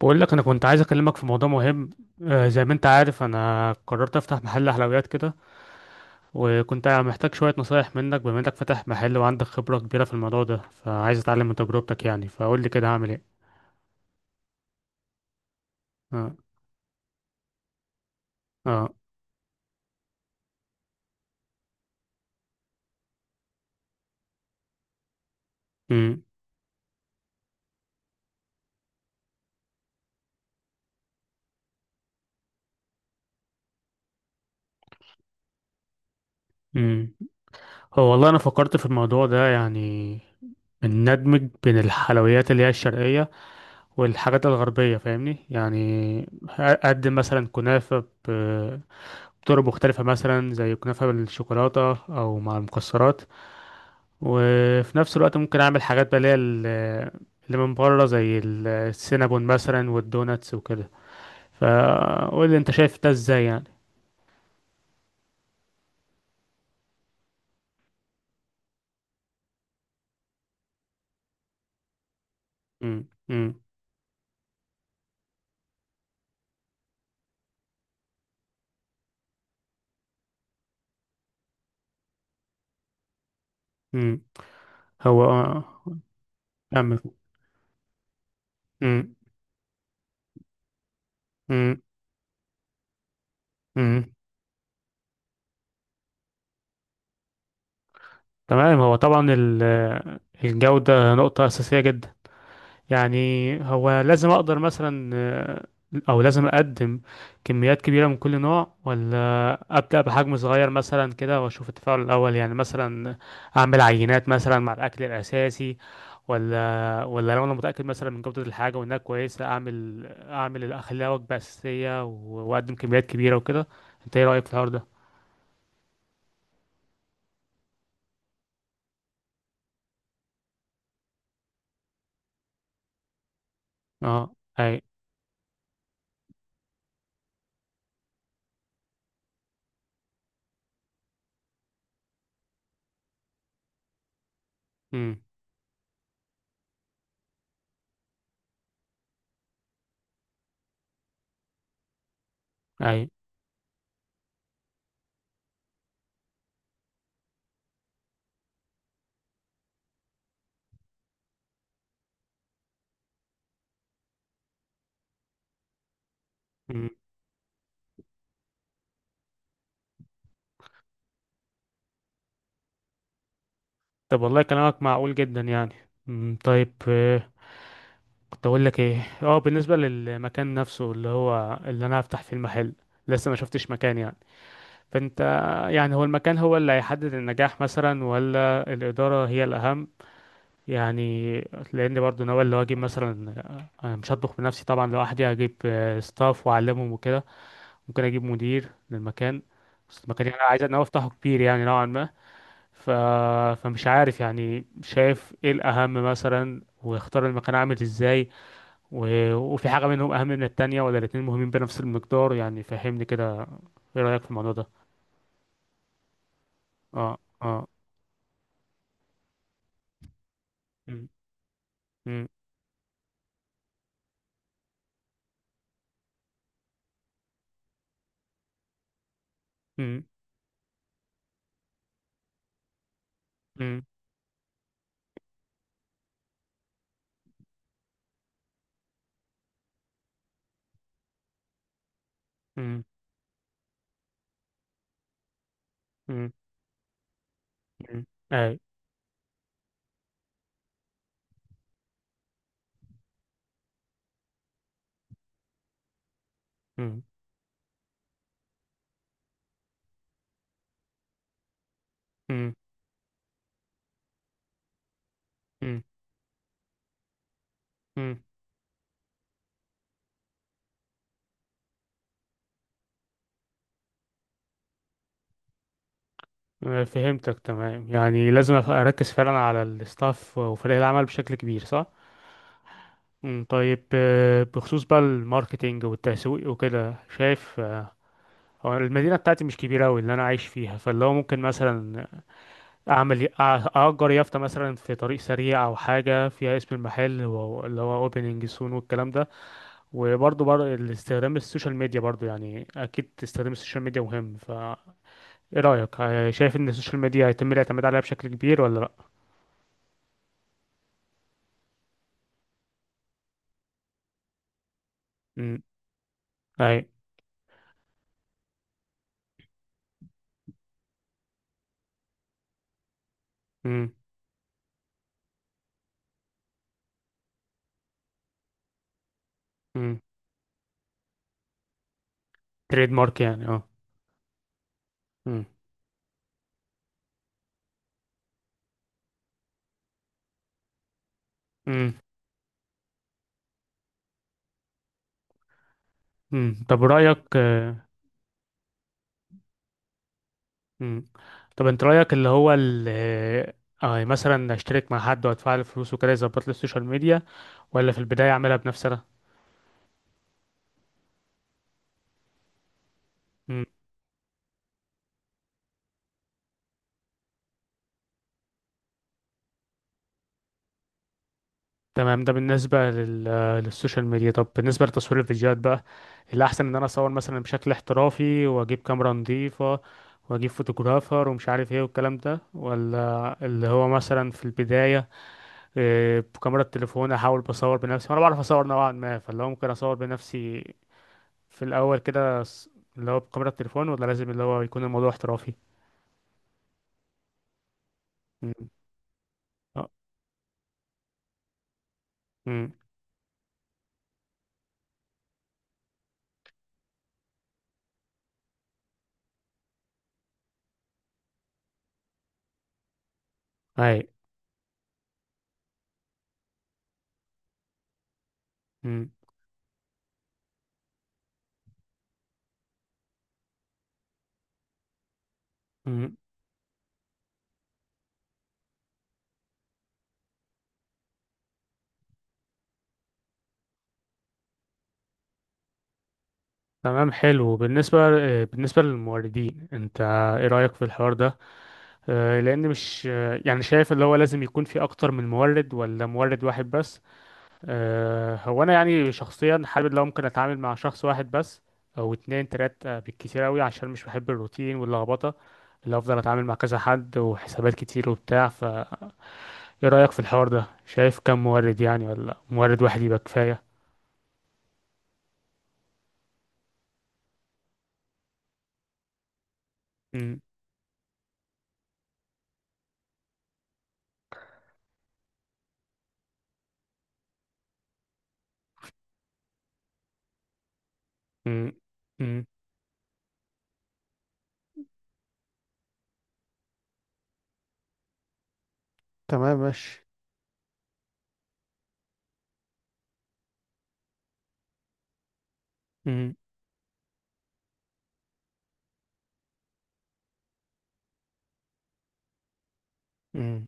بقول لك انا كنت عايز اكلمك في موضوع مهم. زي ما انت عارف انا قررت افتح محل حلويات كده، وكنت محتاج شوية نصايح منك بما انك فاتح محل وعندك خبرة كبيرة في الموضوع ده، فعايز اتعلم من تجربتك يعني. فقول لي كده هعمل ايه؟ اه. اه. امم. امم. هو والله انا فكرت في الموضوع ده يعني، ان ندمج بين الحلويات اللي هي الشرقية والحاجات الغربية فاهمني يعني. اقدم مثلا كنافة ب- بطرق مختلفة، مثلا زي كنافة بالشوكولاتة أو مع المكسرات. وفي نفس الوقت ممكن اعمل حاجات بقى اللي هي اللي من بره، زي السينابون مثلا والدوناتس وكده. فقول لي انت شايف ده ازاي يعني؟ امم. امم. امم. هو كمل. امم. امم. امم. تمام، هو طبعا الجودة نقطة أساسية جدا يعني. هو لازم اقدر مثلا، او لازم اقدم كميات كبيرة من كل نوع، ولا ابدأ بحجم صغير مثلا كده واشوف التفاعل الاول يعني، مثلا اعمل عينات مثلا مع الاكل الاساسي، ولا لو انا متأكد مثلا من جودة الحاجة وانها كويسة اعمل اخليها وجبة اساسية واقدم كميات كبيرة وكده. انت ايه رأيك في الحوار ده؟ اه. اي. امم. اي. امم. طب والله كلامك معقول جدا يعني. امم. طيب، كنت اقول لك ايه، بالنسبه للمكان نفسه اللي هو اللي انا هفتح فيه المحل، لسه ما شفتش مكان يعني. فانت يعني، هو المكان هو اللي هيحدد النجاح مثلا ولا الاداره هي الاهم يعني؟ لان برضو ناوي اللي هو اجيب مثلا، أنا مش هطبخ بنفسي طبعا لوحدي، هجيب ستاف واعلمهم وكده، ممكن اجيب مدير للمكان. بس المكان يعني انا عايز انا افتحه كبير يعني نوعا ما. ف... فمش عارف يعني، شايف ايه الاهم مثلا واختار المكان عامل ازاي، وفي حاجة منهم أهم من التانية ولا الاتنين مهمين بنفس المقدار يعني؟ فهمني كده، إيه رأيك في الموضوع ده؟ اه. اه. أمم. أمم. أمم. أمم. أمم. أمم. أمم. أي. أمم. أمم. أمم. أمم. فهمتك تمام يعني، لازم أركز فعلا على الستاف وفريق العمل بشكل كبير، صح؟ أمم. طيب، بخصوص بقى الماركتينج والتسويق وكده، شايف هو المدينة بتاعتي مش كبيرة أوي اللي أنا عايش فيها، فاللي هو ممكن مثلا اعمل اجر يافطه مثلا في طريق سريع او حاجه فيها اسم المحل، اللي هو اوبننج سون والكلام ده. وبرضه استخدام السوشيال ميديا برضه يعني، اكيد استخدام السوشيال ميديا مهم. ف ايه رايك، شايف ان السوشيال ميديا هيتم الاعتماد عليها بشكل كبير ولا لا؟ امم. اي. امم. امم. تريد مارك يعني، اه. امم. امم. امم. طب رايك، امم، طب انت رايك اللي هو مثلا اشترك مع حد وادفع له فلوس وكده يظبط لي السوشيال ميديا، ولا في البدايه اعملها بنفسي انا؟ مم. تمام، ده بالنسبة للسوشيال ميديا. طب بالنسبة لتصوير الفيديوهات بقى، الأحسن إن أنا أصور مثلا بشكل احترافي وأجيب كاميرا نظيفة وأجيب فوتوغرافر ومش عارف إيه والكلام ده، ولا اللي هو مثلا في البداية بكاميرا التليفون أحاول بصور بنفسي، وأنا بعرف أصور نوعا ما، فاللي هو ممكن أصور بنفسي في الأول كده، اللي هو بكاميرا التليفون، ولا لازم اللي هو يكون الموضوع احترافي؟ مم. أه. مم. أي. مم. مم. تمام، حلو. بالنسبة، بالنسبة للموردين انت ايه رأيك في الحوار ده؟ لان مش، يعني شايف اللي هو لازم يكون في اكتر من مورد ولا مورد واحد بس؟ هو انا يعني شخصيا حابب لو ممكن اتعامل مع شخص واحد بس، او اتنين تلات بالكتير قوي، عشان مش بحب الروتين واللخبطة اللي افضل اتعامل مع كذا حد وحسابات كتير وبتاع. فايه رأيك في الحوار ده، شايف كم مورد يعني، ولا مورد واحد يبقى كفاية؟ مم. مم. مم. تمام، ماشي. مم. مم.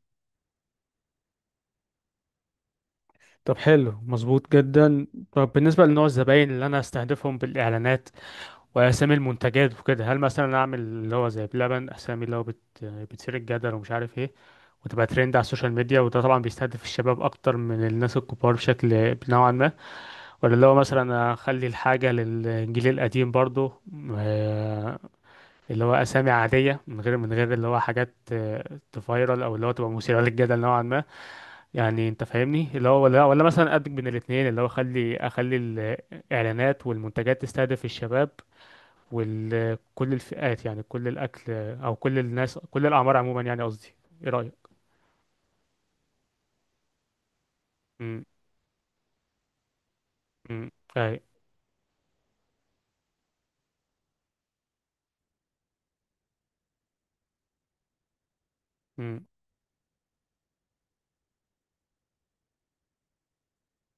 طب حلو، مظبوط جدا. طب بالنسبة لنوع الزباين اللي أنا أستهدفهم بالإعلانات وأسامي المنتجات وكده، هل مثلا أعمل اللي هو زي بلبن أسامي اللي هو بتثير الجدل ومش عارف إيه وتبقى ترند على السوشيال ميديا، وده طبعا بيستهدف الشباب أكتر من الناس الكبار بشكل نوعا ما، ولا اللي هو مثلا أخلي الحاجة للجيل القديم برضه، آه، اللي هو أسامي عادية من غير اللي هو حاجات تفايرل، أو اللي هو تبقى مثيرة للجدل نوعا ما، يعني انت فاهمني اللي هو؟ ولا مثلا ادمج بين الاثنين، اللي هو اخلي الاعلانات والمنتجات تستهدف الشباب وكل الفئات، يعني كل الاكل او كل الناس كل الاعمار عموما يعني قصدي. ايه رايك؟ امم. امم. اي. امم.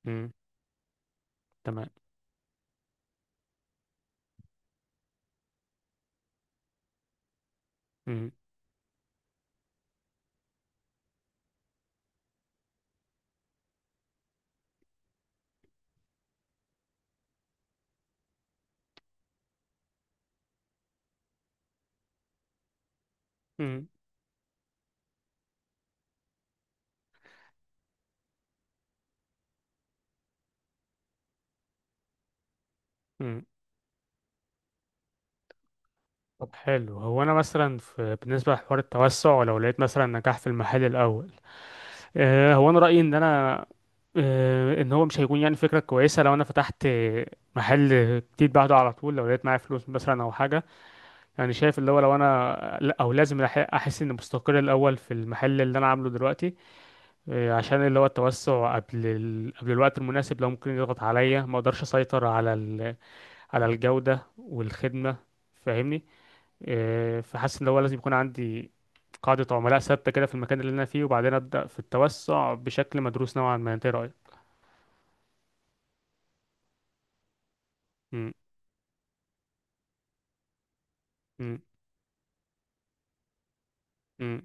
امم. تمام. امم. امم. امم. طب حلو. هو انا مثلا في، بالنسبه لحوار التوسع لو لقيت مثلا نجاح في المحل الاول، هو انا رايي ان انا، ان هو مش هيكون يعني فكره كويسه لو انا فتحت محل جديد بعده على طول، لو لقيت معايا فلوس مثلا او حاجه. يعني شايف اللي هو، لو انا لا، او لازم احس اني مستقر الاول في المحل اللي انا عامله دلوقتي، عشان اللي هو التوسع قبل قبل الوقت المناسب لو ممكن يضغط عليا ما اقدرش اسيطر على على الجوده والخدمه، فاهمني. إيه، فحاسس ان هو لازم يكون عندي قاعدة عملاء ثابتة كده في المكان اللي انا فيه، وبعدين ابدأ في التوسع بشكل مدروس نوعا ما. انت إيه رأيك؟ مم. مم. مم.